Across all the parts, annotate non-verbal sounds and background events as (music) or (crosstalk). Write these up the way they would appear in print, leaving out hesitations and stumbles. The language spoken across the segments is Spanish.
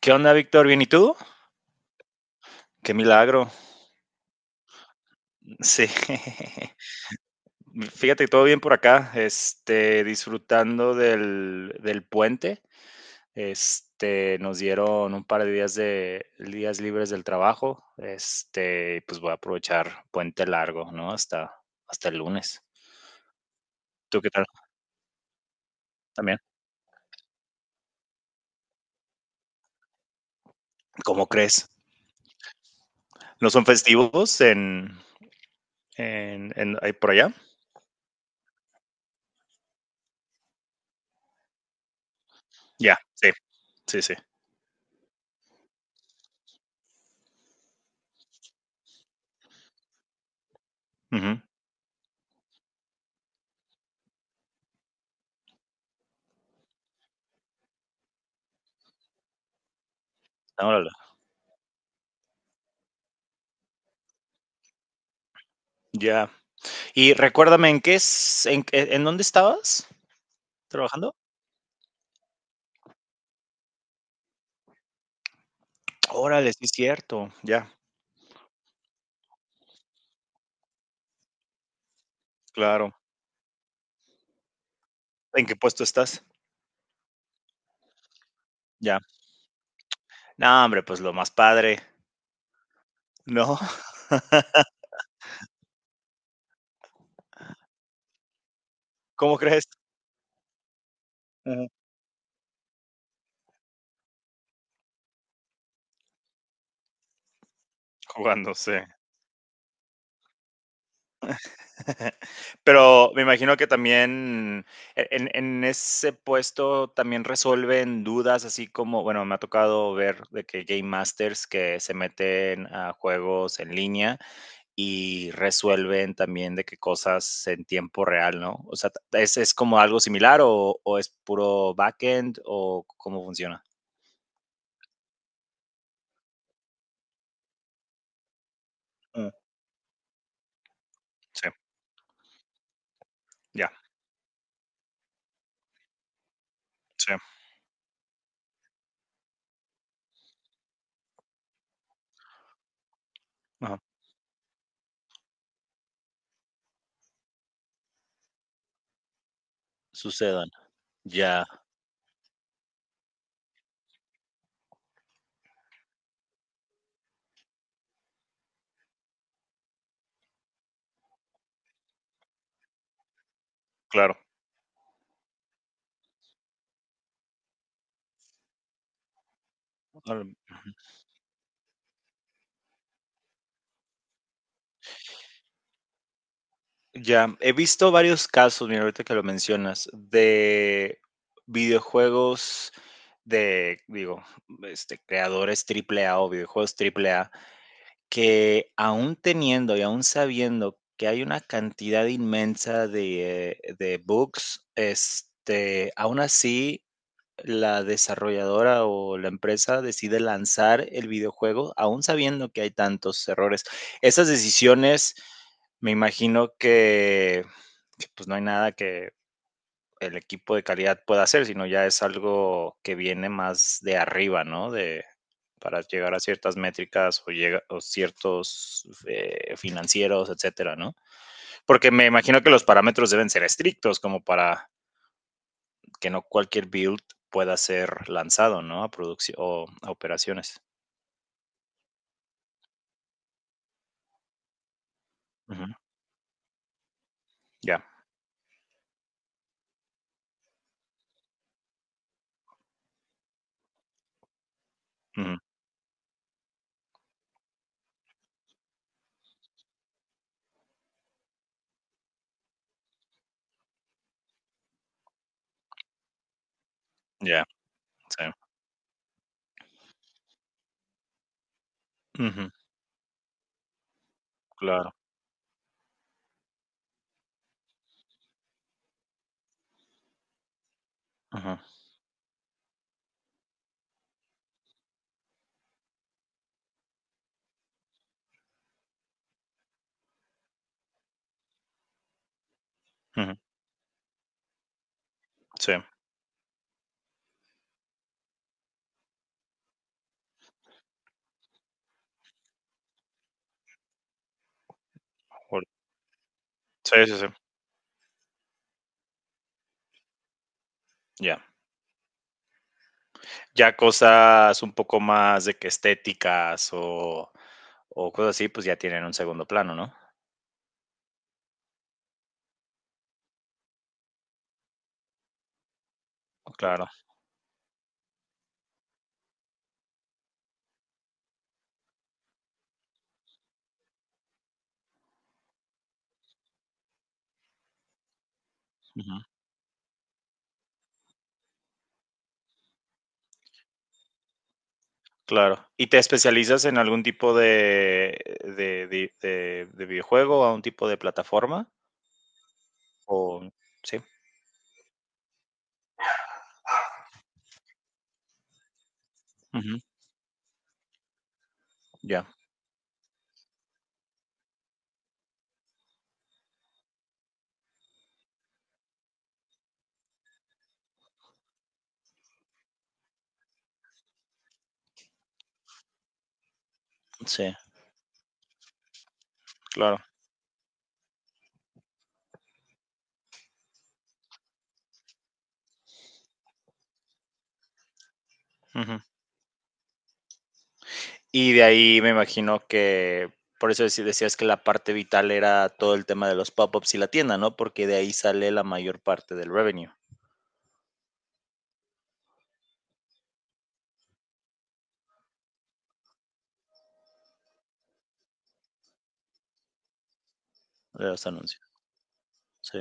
¿Qué onda, Víctor? ¿Bien y tú? Qué milagro. Sí. (laughs) Fíjate, todo bien por acá. Disfrutando del puente. Nos dieron un par de días libres del trabajo. Pues voy a aprovechar puente largo, ¿no? Hasta el lunes. ¿Tú qué tal? También. ¿Cómo crees? ¿No son festivos ahí por allá? Ya, sí. Sí, sí. Ujú. Órale. Ya. Y recuérdame, ¿en qué es en dónde estabas trabajando? Órale, sí es cierto, ya, claro. ¿En qué puesto estás? Ya. No, hombre, pues lo más padre, ¿no? (laughs) ¿Cómo crees? Ujú, jugando, sí. (laughs) Pero me imagino que también e en ese puesto también resuelven dudas, así como, bueno, me ha tocado ver de que game masters que se meten a juegos en línea y resuelven también de qué cosas en tiempo real, ¿no? O sea, ¿es como algo similar o es puro backend o cómo funciona? Mm, sí, ya, sí, ajá, sucedan. Ya, claro. Ahora, ya, he visto varios casos, mira, ahorita que lo mencionas, de videojuegos de, digo, creadores Triple A o videojuegos Triple A. Que aún teniendo y aún sabiendo que hay una cantidad inmensa de bugs, aún así, la desarrolladora o la empresa decide lanzar el videojuego, aún sabiendo que hay tantos errores. Esas decisiones, me imagino que pues, no hay nada que el equipo de calidad pueda hacer, sino ya es algo que viene más de arriba, ¿no? De, para llegar a ciertas métricas o, llega, o ciertos financieros, etcétera, ¿no? Porque me imagino que los parámetros deben ser estrictos como para que no cualquier build pueda ser lanzado, ¿no? A producción o a operaciones. Ujú, ya, ujú, ya, sí. Ujú, claro. Ujú, ujú, sí. Ol- sí, sí, sí. Ya. Ya cosas un poco más de que estéticas o cosas así, pues ya tienen un segundo plano, ¿no? Claro. Ujú, claro. ¿Y te especializas en algún tipo de, de videojuego, a un tipo de plataforma? O sí. Ujú, ya. Sí, claro. Ujú. Y de ahí me imagino que por eso decías que la parte vital era todo el tema de los pop-ups y la tienda, ¿no? Porque de ahí sale la mayor parte del revenue de los anuncios. Sí.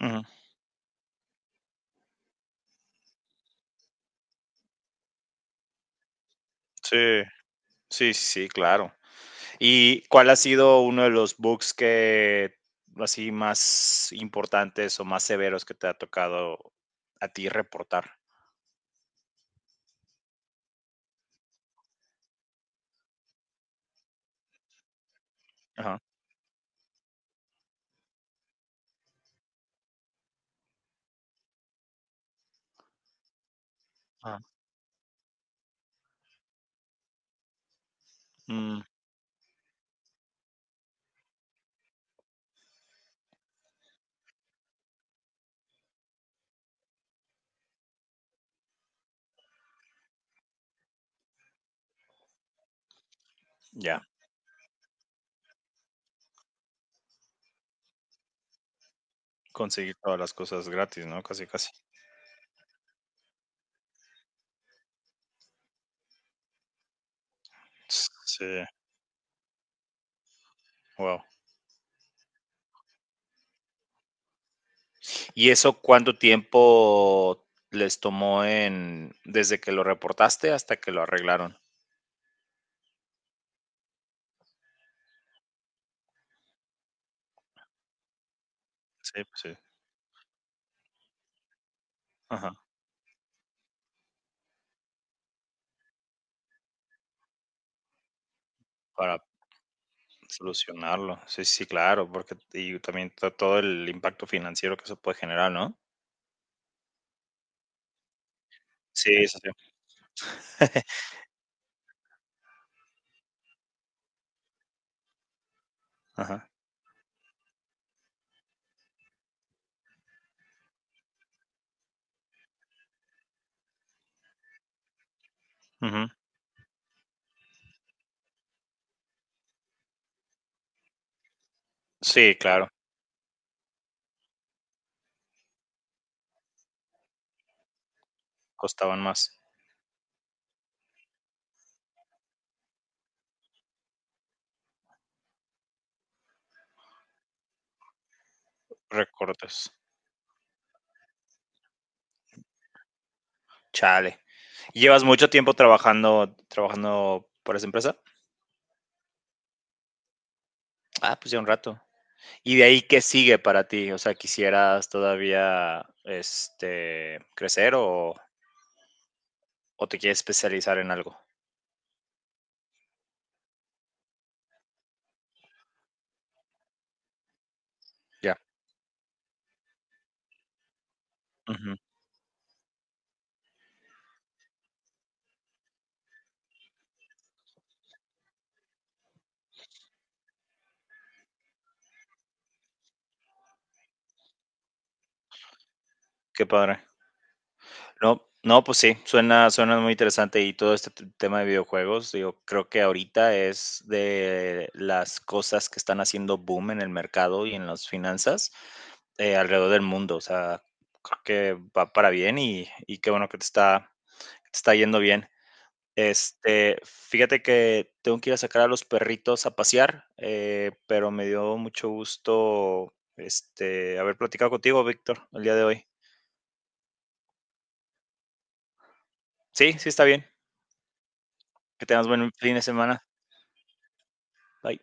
Ujú, sí. Sí, sí, sí, claro. ¿Y cuál ha sido uno de los bugs que así más importantes o más severos que te ha tocado a ti reportar? Ajá. Ah. Mm, ya, conseguir todas las cosas gratis, ¿no? Casi, casi. Sí, wow. ¿Y eso cuánto tiempo les tomó en desde que lo reportaste hasta que lo arreglaron? Sí, pues sí. Ajá. Para. Solucionarlo. Sí, sí, claro, porque y también to todo el impacto financiero que eso puede generar, ¿no? Sí, sí, sí. (laughs) Ajá. Ujú. Sí, claro, costaban más. Recortes. Chale. ¿Y llevas mucho tiempo trabajando para esa empresa? Ah, pues ya un rato. ¿Y de ahí qué sigue para ti? O sea, ¿quisieras todavía, este, crecer o te quieres especializar en algo? Ya. Ujú. Qué padre. No, no, pues sí, suena, suena muy interesante y todo este tema de videojuegos, digo, creo que ahorita es de las cosas que están haciendo boom en el mercado y en las finanzas alrededor del mundo. O sea, creo que va para bien y qué bueno que te está yendo bien. Fíjate que tengo que ir a sacar a los perritos a pasear, pero me dio mucho gusto haber platicado contigo, Víctor, el día de hoy. Sí, sí está bien. Que tengas buen fin de semana. Bye.